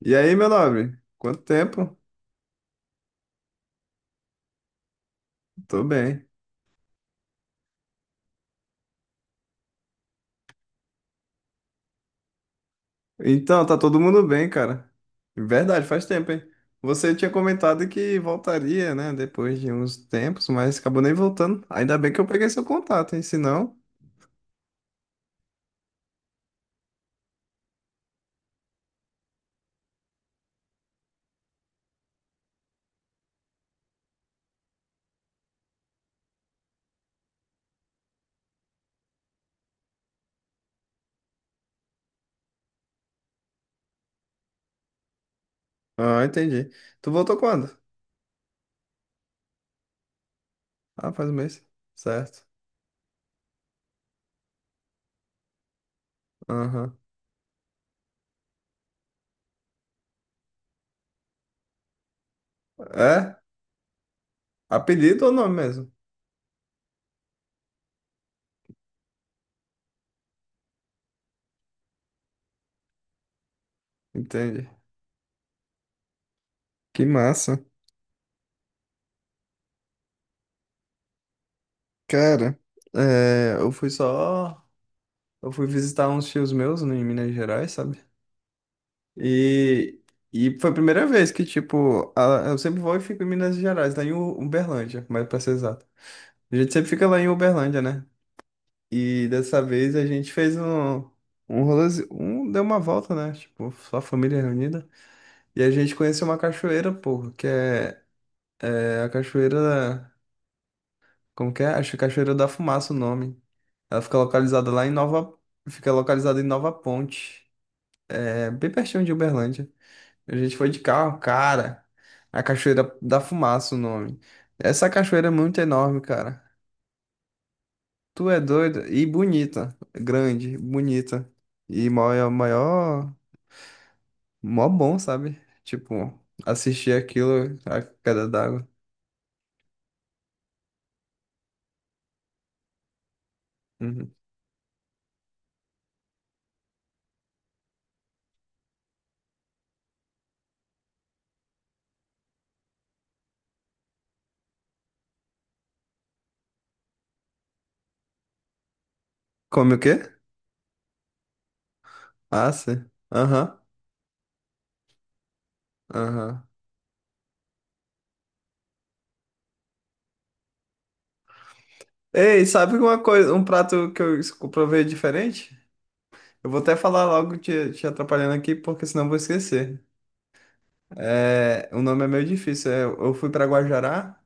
E aí, meu nobre? Quanto tempo? Tô bem. Então, tá todo mundo bem, cara. Verdade, faz tempo, hein? Você tinha comentado que voltaria, né, depois de uns tempos, mas acabou nem voltando. Ainda bem que eu peguei seu contato, hein? Se não. Ah, entendi. Tu voltou quando? Ah, faz um mês. Certo. Aham. É? Apelido ou nome mesmo? Entendi. Que massa. Cara, é, eu fui só. Eu fui visitar uns tios meus em Minas Gerais, sabe? E, e foi a primeira vez que, tipo, eu sempre vou e fico em Minas Gerais, lá em Uberlândia, mais pra ser exato. A gente sempre fica lá em Uberlândia, né? E dessa vez a gente fez um rolê, deu uma volta, né? Tipo, só a família reunida. E a gente conheceu uma cachoeira, porra, que é a cachoeira, como que é? Acho que é Cachoeira da Fumaça o nome. Ela fica localizada lá em Nova, fica localizada em Nova Ponte, é bem pertinho de Uberlândia. A gente foi de carro, cara. A Cachoeira da Fumaça, o nome. Essa cachoeira é muito enorme, cara. Tu é doido, e bonita. Grande, bonita. E maior, maior, mó bom, sabe? Tipo, assistir aquilo, a queda d'água. Uhum. Come o quê? Ah, sim. Aham, aham. Ei, sabe uma coisa, um prato que eu provei diferente? Eu vou até falar logo te atrapalhando aqui, porque senão eu vou esquecer. É, o nome é meio difícil. É, eu fui para Guajará,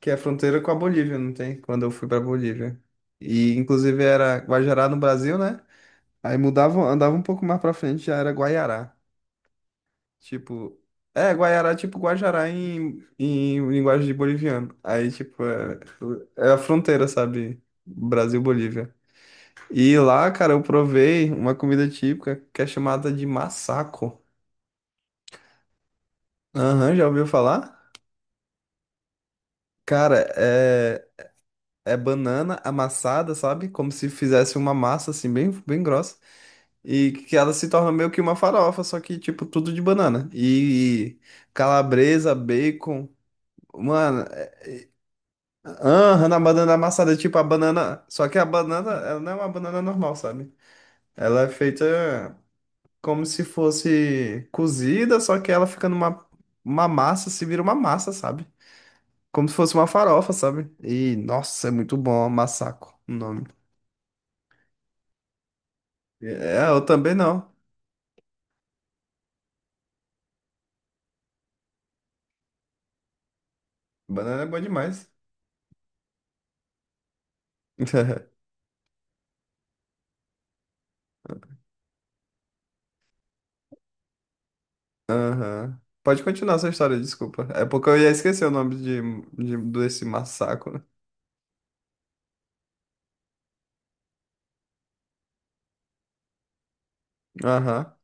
que é a fronteira com a Bolívia, não tem? Quando eu fui para Bolívia. E inclusive era Guajará no Brasil, né? Aí mudava, andava um pouco mais para frente, já era Guaiará. Tipo, é, Guaiará, é tipo Guajará em linguagem de boliviano. Aí, tipo, é a fronteira, sabe? Brasil-Bolívia. E lá, cara, eu provei uma comida típica que é chamada de massaco. Aham, já ouviu falar? Cara, é banana amassada, sabe? Como se fizesse uma massa assim bem, bem grossa e que ela se torna meio que uma farofa, só que tipo tudo de banana. E calabresa, bacon, mano, aham, na banana amassada, é tipo a banana, só que a banana, ela não é uma banana normal, sabe? Ela é feita como se fosse cozida, só que ela fica numa uma massa, se vira uma massa, sabe? Como se fosse uma farofa, sabe? E nossa, é muito bom, massaco, o nome. É, eu também não. Banana é boa demais. Aham. Pode continuar sua história, desculpa. É porque eu ia esquecer o nome desse massacre. Aham.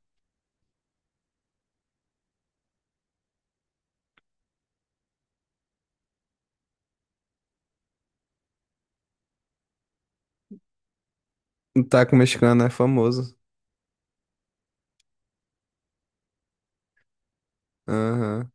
O Taco mexicano é famoso. Aham.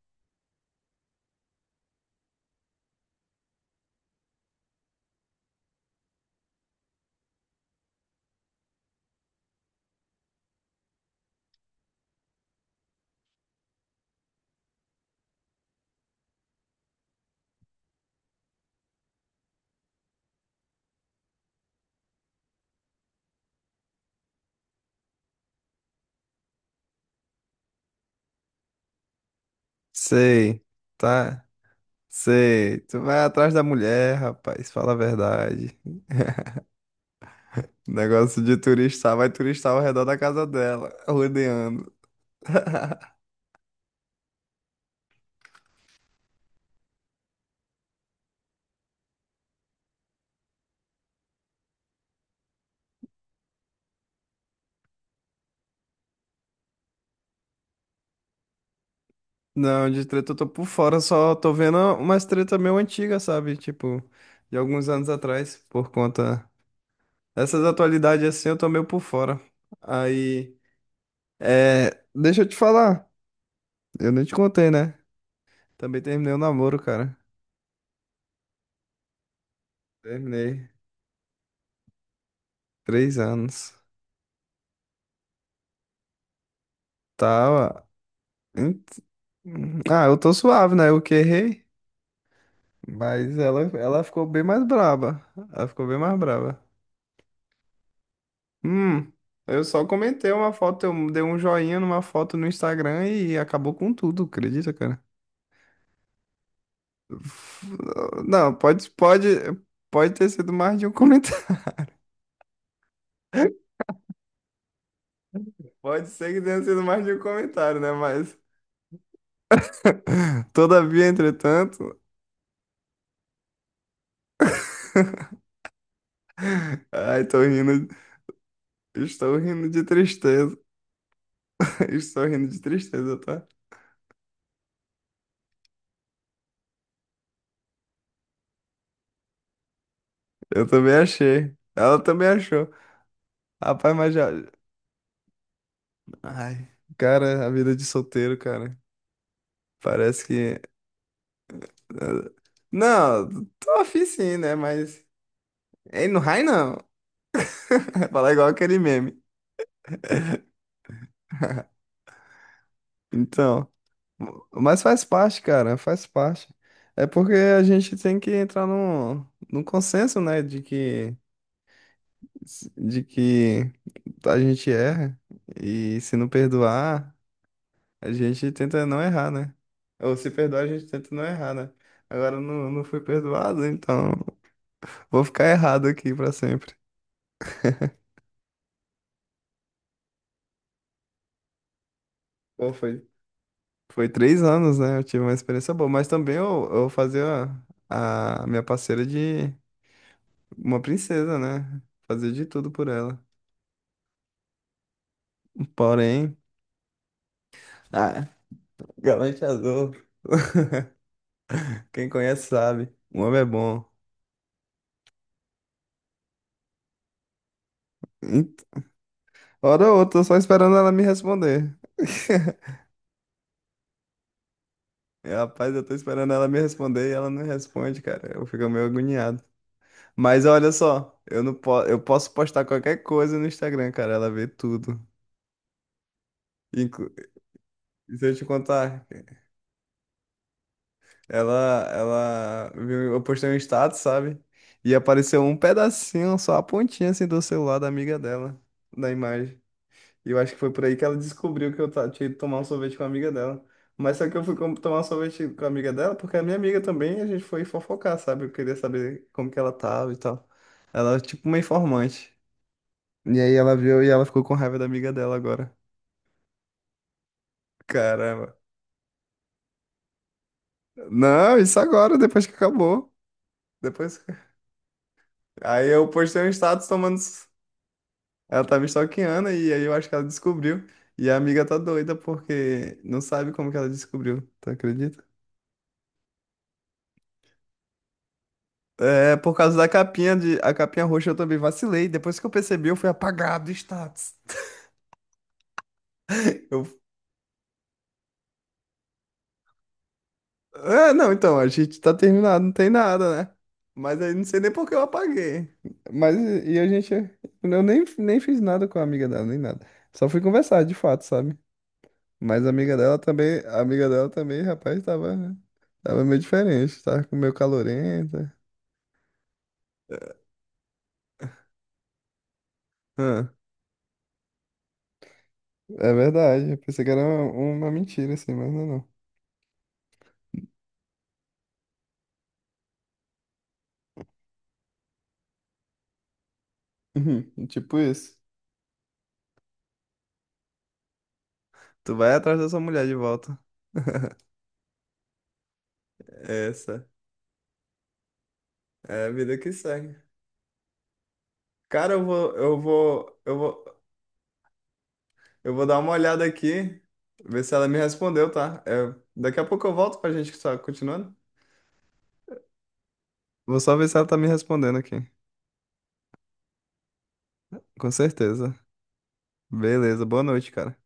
Sei. Tá. Sei. Tu vai atrás da mulher, rapaz. Fala a verdade. Negócio de turistar. Vai turistar ao redor da casa dela, rodeando. Não, de treta eu tô por fora, só tô vendo umas treta meio antiga, sabe? Tipo, de alguns anos atrás, por conta dessas atualidades assim, eu tô meio por fora. Aí, é, deixa eu te falar, eu nem te contei, né? Também terminei o namoro, cara. Terminei. 3 anos. Tava. Hum, Ah, eu tô suave, né? Eu que errei, mas ela ficou bem mais braba. Ela ficou bem mais braba. Hum, eu só comentei uma foto, eu dei um joinha numa foto no Instagram e acabou com tudo, acredita, cara? F- Não, pode ter sido mais de um comentário. Pode ser que tenha sido mais de um comentário, né? Mas, todavia, entretanto, ai, tô rindo, estou rindo de tristeza. Estou rindo de tristeza, tá? Eu também achei. Ela também achou. Rapaz, mas já. Ai, cara, a vida de solteiro, cara. Parece que. Não, tô afim sim, né? Mas. Ei, no raio não. Falar igual aquele meme. Então. Mas faz parte, cara, faz parte. É porque a gente tem que entrar num consenso, né? De que a gente erra. E se não perdoar, a gente tenta não errar, né? Ou se perdoar, a gente tenta não errar, né? Agora eu não fui perdoado, então vou ficar errado aqui pra sempre. Qual foi? Foi 3 anos, né? Eu tive uma experiência boa. Mas também eu fazia a minha parceira de uma princesa, né? Fazia de tudo por ela. Porém. Ah, Galante Azul. Quem conhece sabe. O homem é bom. Hum, Hora ou outra, eu tô só esperando ela me responder. E, rapaz, eu tô esperando ela me responder e ela não responde, cara. Eu fico meio agoniado. Mas olha só, eu não po eu posso postar qualquer coisa no Instagram, cara. Ela vê tudo. Inclu- e se eu te contar. Ela viu, eu postei um status, sabe? E apareceu um pedacinho, só a pontinha assim do celular da amiga dela, da imagem. E eu acho que foi por aí que ela descobriu que eu tinha ido tomar um sorvete com a amiga dela. Mas só que eu fui tomar um sorvete com a amiga dela, porque a minha amiga também, a gente foi fofocar, sabe? Eu queria saber como que ela tava e tal. Ela é tipo uma informante. E aí ela viu e ela ficou com raiva da amiga dela agora. Caramba. Não, isso agora, depois que acabou. Depois. Aí eu postei um status tomando. Ela tá me stalkeando e aí eu acho que ela descobriu. E a amiga tá doida porque não sabe como que ela descobriu, tu acredita? É, por causa da capinha de a capinha roxa eu também vacilei. Depois que eu percebi, eu fui apagado do status. Eu, é, não, então, a gente tá terminado, não tem nada, né? Mas aí não sei nem por que eu apaguei. Mas e a gente eu nem fiz nada com a amiga dela, nem nada. Só fui conversar, de fato, sabe? Mas a amiga dela também, a amiga dela também, rapaz, tava, meio diferente, tava com meio calorenta. Ah, é verdade, eu pensei que era uma mentira, assim, mas não é não. Uhum, tipo isso. Tu vai atrás da sua mulher de volta. Essa é a vida que segue. Cara, eu vou dar uma olhada aqui, ver se ela me respondeu, tá? É, daqui a pouco eu volto pra gente estar continuando. Vou só ver se ela tá me respondendo aqui. Com certeza. Beleza, boa noite, cara.